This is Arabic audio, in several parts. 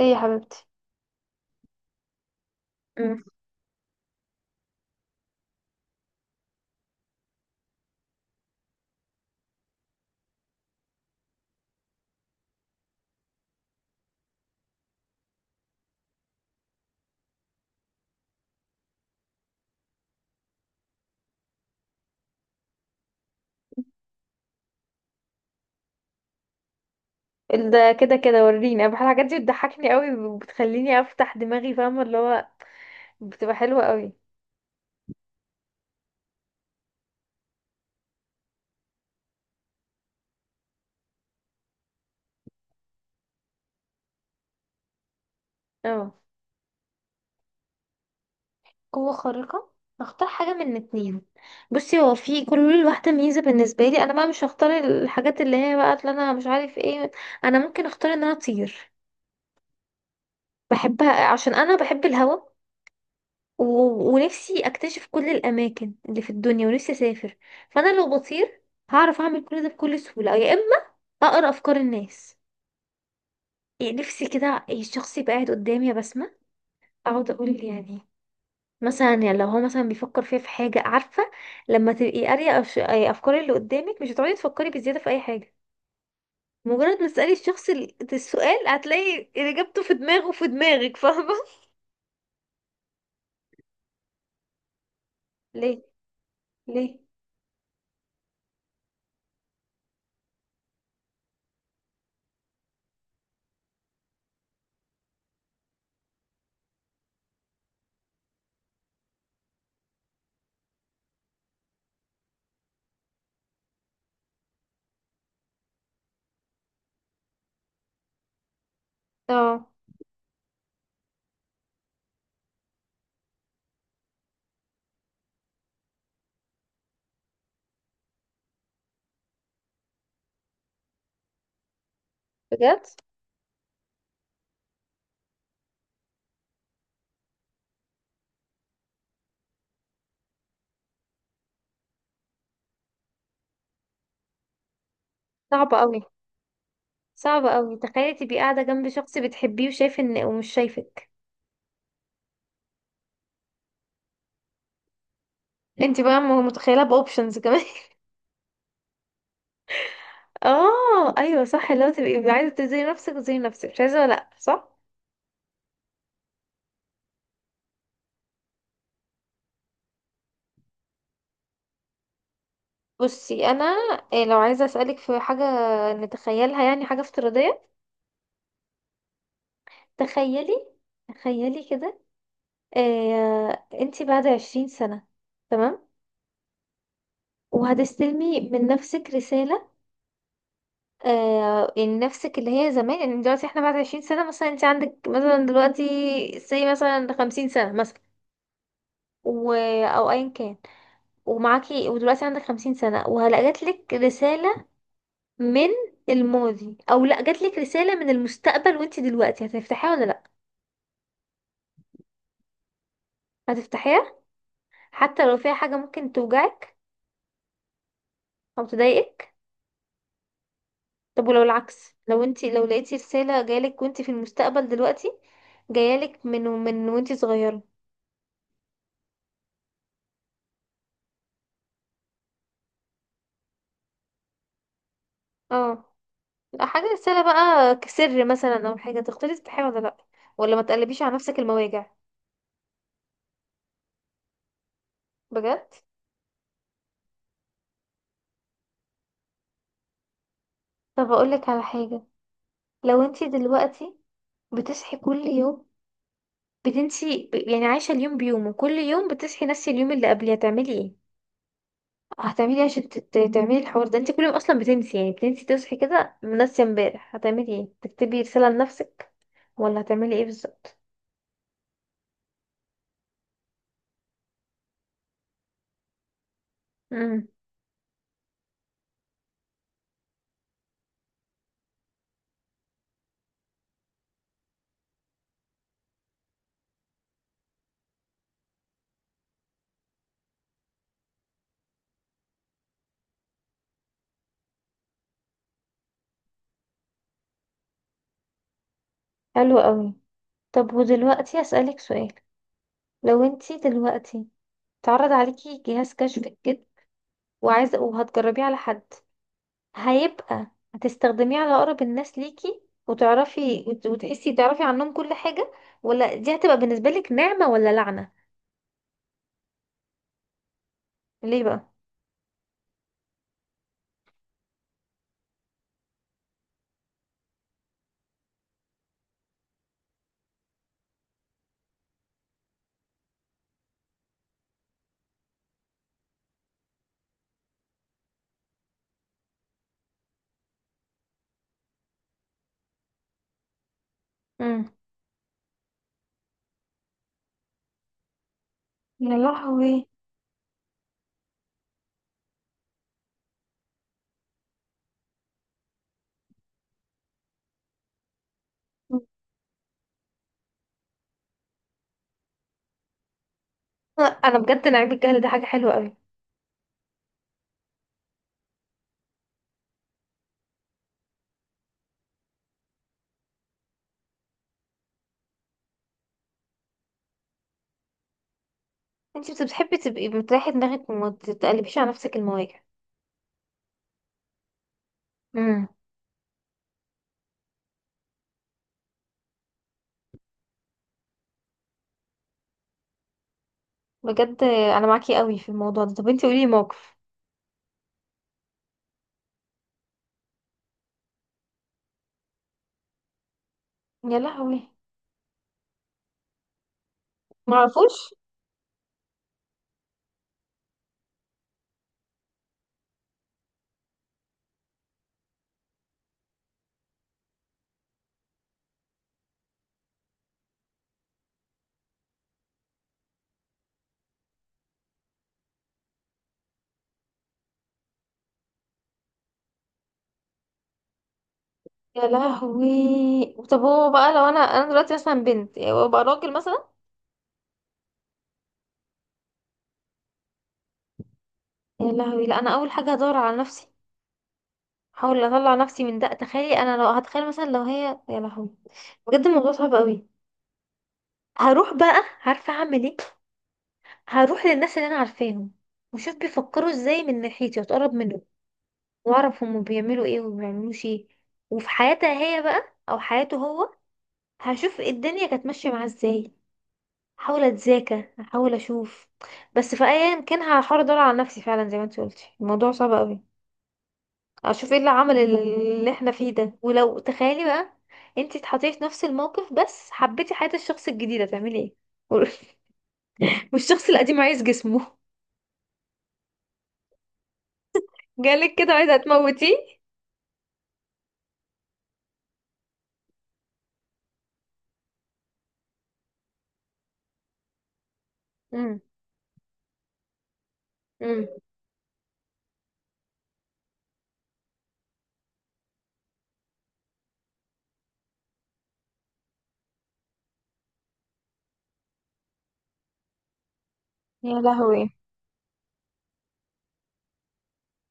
ايه يا حبيبتي. مم. ده كده كده وريني، انا بحب الحاجات دي، بتضحكني قوي وبتخليني افتح دماغي، فاهمه اللي هو بتبقى حلوه قوي. اه، قوة خارقة. هختار حاجه من اتنين. بصي، هو في كل واحده ميزه بالنسبه لي، انا بقى مش هختار الحاجات اللي هي بقى اللي انا مش عارف ايه. انا ممكن اختار ان انا اطير، بحبها عشان انا بحب الهوا، و... ونفسي اكتشف كل الاماكن اللي في الدنيا ونفسي اسافر. فانا لو بطير هعرف اعمل كل ده بكل سهوله، يا اما اقرا افكار الناس. يعني نفسي كده الشخص يبقى قاعد قدامي يا بسمة، اقعد اقول يعني مثلا، يعني لو هو مثلا بيفكر فيها في حاجة، عارفة؟ لما تبقي قارية افكار اللي قدامك مش هتقعدي تفكري بزيادة في اي حاجة. مجرد ما تسألي الشخص السؤال، هتلاقي اجابته في دماغه في دماغك، فاهمة؟ ليه؟ ليه؟ اه، بجد؟ صعبة قوي. صعبة قوي، تخيلي تبقي قاعدة جنب شخص بتحبيه وشايف ان ومش شايفك. انت بقى متخيلة باوبشنز كمان. اه، ايوه، صح، اللي هو تبقي عايزه تزي نفسك زي نفسك، مش عايزه، لا، صح. بصي، انا لو عايزه اسالك في حاجه، نتخيلها يعني، حاجه افتراضيه. تخيلي، تخيلي كده، إيه انتي بعد 20 سنه، تمام؟ وهتستلمي من نفسك رساله، إن نفسك اللي هي زمان، يعني دلوقتي احنا بعد 20 سنه مثلا، انت عندك مثلا دلوقتي سي مثلا 50 سنه مثلا، و... او ايا كان. ومعاكي ودلوقتي عندك 50 سنة وجاتلك رسالة من الماضي، او لا، جاتلك رسالة من المستقبل، وانتي دلوقتي هتفتحيها ولا لا؟ هتفتحيها حتى لو فيها حاجة ممكن توجعك او تضايقك؟ طب ولو العكس، لو انتي لو لقيتي رسالة جايلك وانتي في المستقبل دلوقتي، جايلك من وانتي صغيرة. اه، حاجة، رسالة بقى كسر مثلا، او حاجة، تختاري تفتحيها ولا لا، ولا ما تقلبيش على نفسك المواجع؟ بجد؟ طب اقولك على حاجة. لو انتي دلوقتي بتصحي كل يوم، بتنسي يعني عايشة اليوم بيومه، كل يوم بتصحي نفس اليوم اللي قبليه، هتعملي ايه؟ هتعملي ايه عشان تعملي الحوار ده، انت كل يوم اصلا بتنسي، يعني بتنسي، تصحي كده ناسية امبارح، هتعملي ايه؟ تكتبي رسالة لنفسك ولا هتعملي ايه بالظبط؟ امم حلو قوي. طب ودلوقتي اسألك سؤال. لو انت دلوقتي اتعرض عليكي جهاز كشف الكذب وعايزة وهتجربيه على حد، هيبقى هتستخدميه على اقرب الناس ليكي، وتعرفي وتحسي تعرفي عنهم كل حاجة، ولا دي هتبقى بالنسبة لك نعمة ولا لعنة؟ ليه بقى؟ امم. يا لهوي. انا بجد، انا عيب الجهل ده حاجة حلوة قوي. انتي بتحبي تبقي بتريحي دماغك وما تتقلبيش على نفسك المواجع. امم. بجد، انا معاكي قوي في الموضوع ده. طب انتي قولي موقف. يا لهوي، معرفوش. يا لهوي، طب هو بقى، لو انا دلوقتي مثلا بنت وابقى راجل مثلا. يا لهوي، لا، انا اول حاجه هدور على نفسي، احاول اطلع نفسي من ده. تخيلي انا لو هتخيل مثلا، لو هي، يا لهوي، بجد الموضوع صعب قوي. هروح بقى، عارفه اعمل ايه، هروح للناس اللي انا عارفاهم، وشوف بيفكروا ازاي من ناحيتي واتقرب منهم، واعرف هم بيعملوا ايه وما بيعملوش ايه. وفي حياتها هي بقى، او حياته هو، هشوف الدنيا كانت ماشيه معاه ازاي. احاول اتذاكى، احاول اشوف، بس في ايا كان هحاول ادور على نفسي فعلا، زي ما انت قلتي الموضوع صعب قوي. اشوف ايه اللي عمل اللي احنا فيه ده. ولو تخيلي بقى انتي اتحطيتي في نفس الموقف، بس حبيتي حياة الشخص الجديد، هتعملي ايه؟ والشخص القديم عايز جسمه. جالك كده عايزة تموتيه. امم. امم. يا لهوي.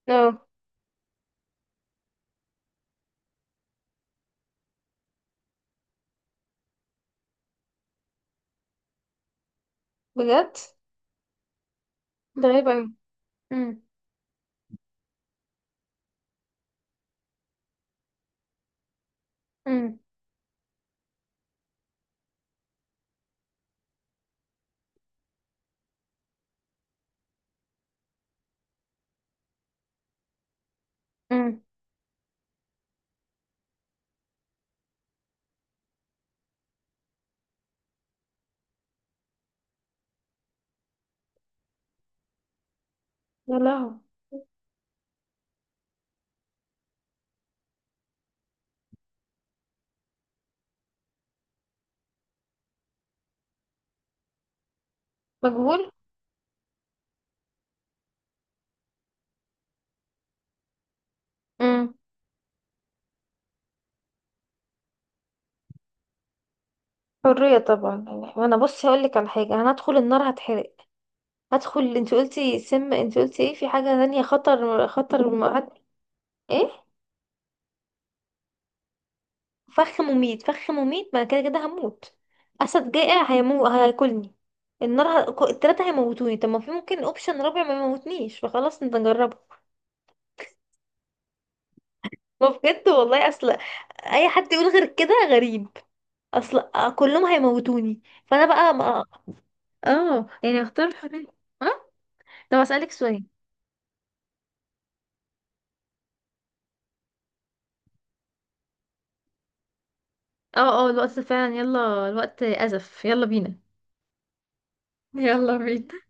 اه، بجد؟ ده غريب أوي. امم. امم. امم. يا لهوي. مجهول. امم. حرية طبعا يعني. وانا بصي هقول لك على حاجة، انا هدخل النار هتحرق، هدخل، انت قلتي سم، انت قلتي ايه؟ في حاجة تانية، خطر، خطر، ايه؟ فخ مميت، فخ مميت، ما أنا كده كده هموت. اسد جائع هياكلني. النار التلاتة هيموتوني. طب ما في ممكن اوبشن رابع ما يموتنيش، فخلاص نجربه. ما بجد والله، اصل اي حد يقول غير كده غريب. اصل كلهم هيموتوني، فانا بقى ما... اه، يعني اختار الحرية. اه، طب اسالك سؤال. اه، اه، الوقت فعلا، يلا الوقت ازف، يلا بينا. يلا بينا.